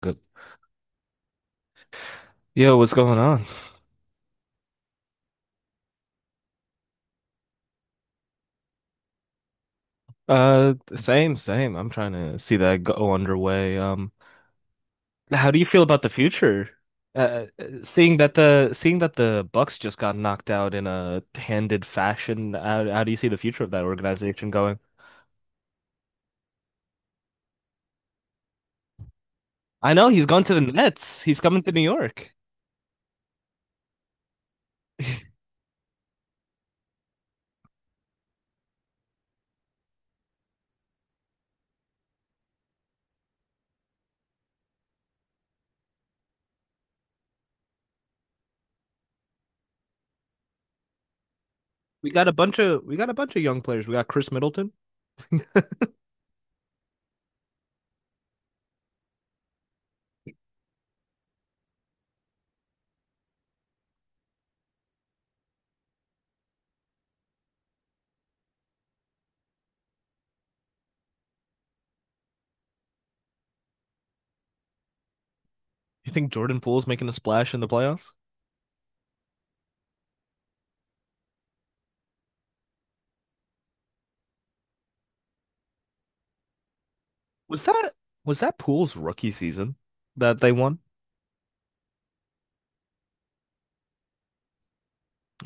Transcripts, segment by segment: Good. Yo, what's going on? Same. I'm trying to see that go underway. How do you feel about the future? Seeing that the Bucks just got knocked out in a handed fashion, how do you see the future of that organization going? I know he's going to the Nets. He's coming to New York. We got a bunch of we got a bunch of young players. We got Chris Middleton. You think Jordan Poole's making a splash in the playoffs? Was that was that Poole's rookie season that they won?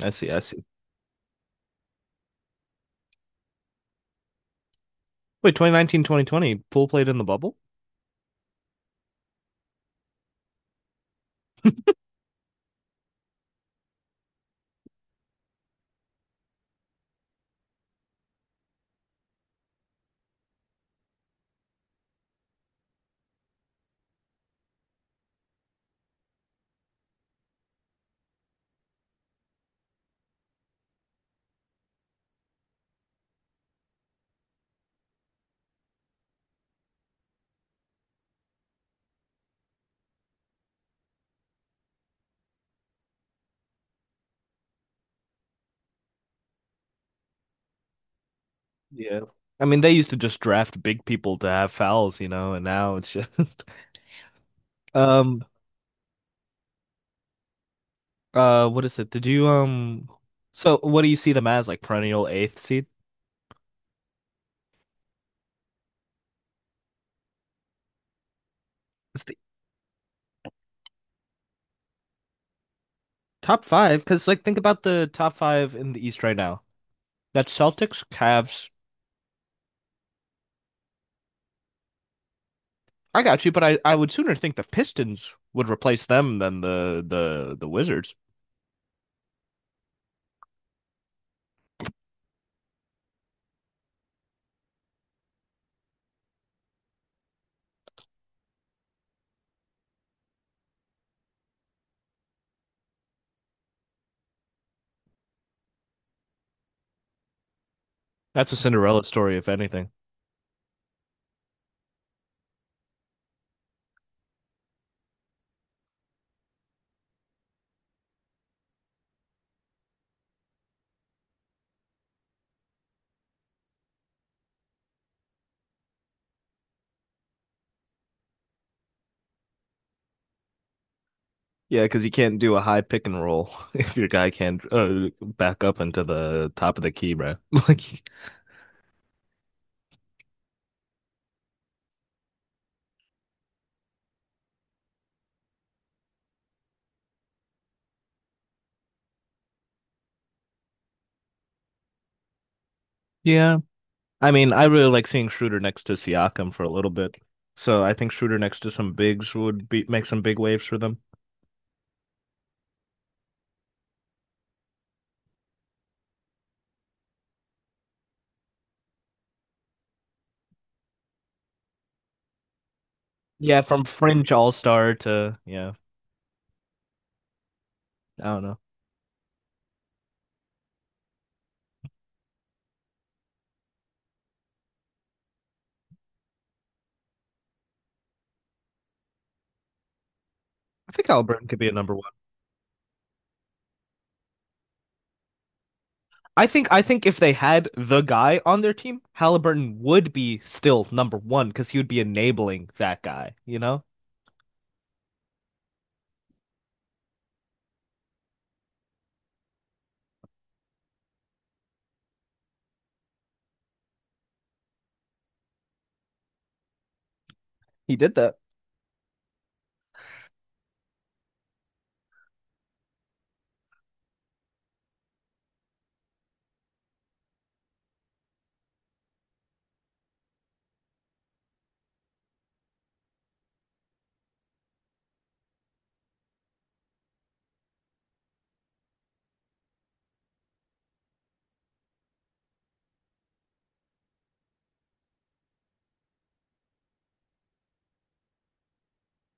I see. Wait, 2019, 2020. 2020, Poole played in the bubble? Yeah. I mean, they used to just draft big people to have fouls, you know, and now it's just. um what is it? Did you so what do you see them as, like, perennial eighth seed? It's the top five because, like, think about the top five in the East right now. That's Celtics, Cavs. I got you, but I would sooner think the Pistons would replace them than the Wizards. That's a Cinderella story, if anything. Yeah, because you can't do a high pick and roll if your guy can't back up into the top of the key, bro. Like, yeah. I mean, I really like seeing Schroeder next to Siakam for a little bit. So I think Schroeder next to some bigs would be make some big waves for them. Yeah, from fringe all star to, yeah, I don't know. I think Halliburton could be a number one. I think if they had the guy on their team, Halliburton would be still number one because he would be enabling that guy. You know, he did that.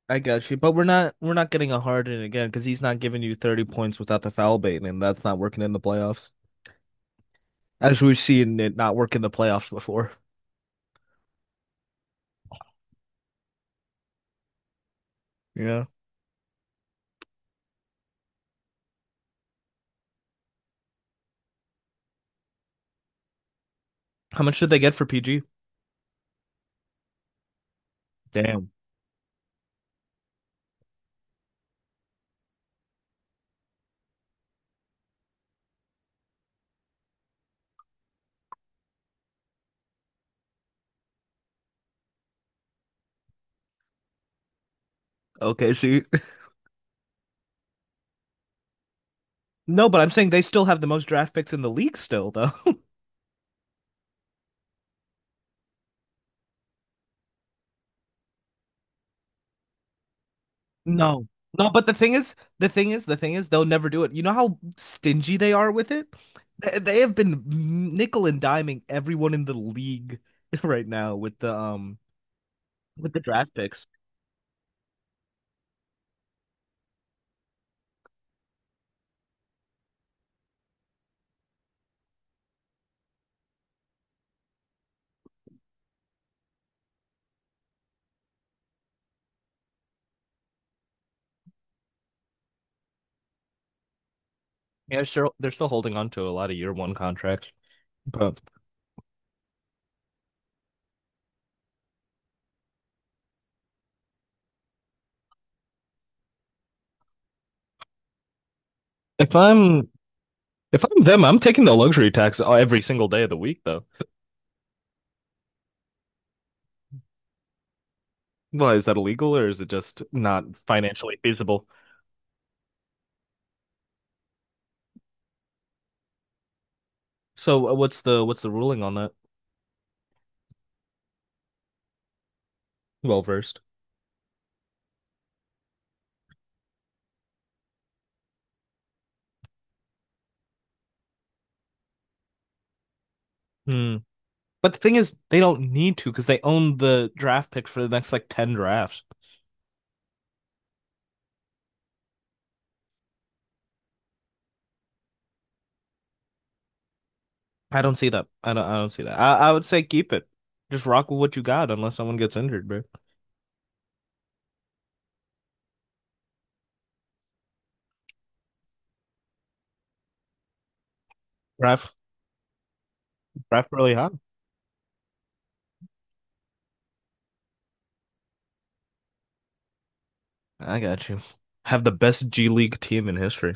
I got you, but we're not getting a Harden again because he's not giving you 30 points without the foul bait, and that's not working in the playoffs. As we've seen it not work in the playoffs before. Yeah. How much did they get for PG? Damn. Okay, see. No, but I'm saying they still have the most draft picks in the league still though. No. No, but the thing is, the thing is, the thing is, they'll never do it. You know how stingy they are with it? They have been nickel and diming everyone in the league right now with the draft picks. Yeah, sure. They're still holding on to a lot of year one contracts. But if I'm if I'm them, I'm taking the luxury tax every single day of the week, though. Why is that illegal, or is it just not financially feasible? So what's the ruling on that? Well versed. Hmm. But the thing is, they don't need to because they own the draft pick for the next like ten drafts. I don't see that. I don't. I don't see that. I would say keep it. Just rock with what you got, unless someone gets injured, bro. Draft draft really high. I got you. Have the best G League team in history.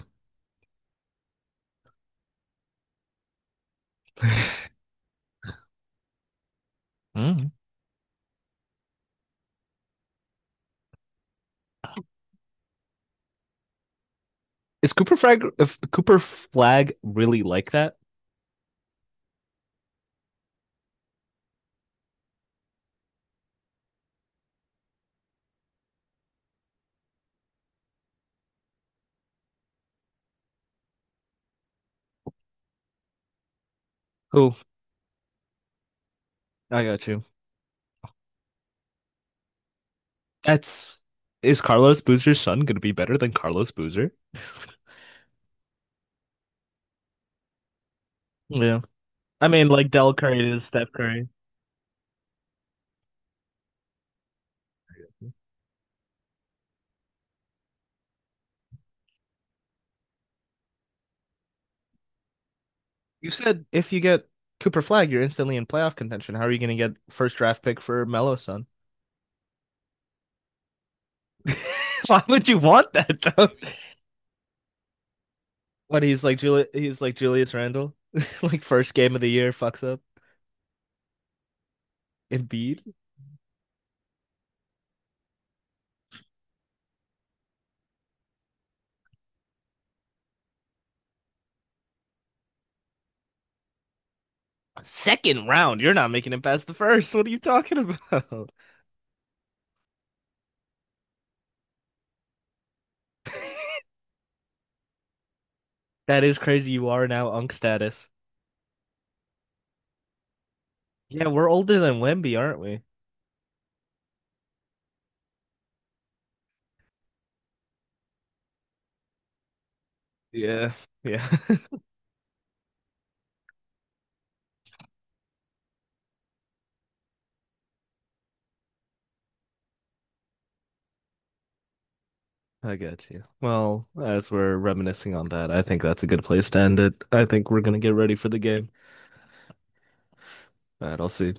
Mm. Is Cooper Flag, if Cooper Flag really like that? Who? I got you. That's, is Carlos Boozer's son gonna be better than Carlos Boozer? Yeah. I mean, like Del Curry is Steph Curry. You said if you get Cooper Flag, you're instantly in playoff contention. How are you gonna get first draft pick for Melo's son? Why would you want that though? What, he's like he's like Julius Randle. Like first game of the year fucks up. Embiid? Second round. You're not making it past the first. What are you talking about? That is crazy. You are now Unk status. Yeah, we're older than Wemby, aren't we? Yeah, yeah. I got you. Well, as we're reminiscing on that, I think that's a good place to end it. I think we're gonna get ready for the game. All right, I'll see.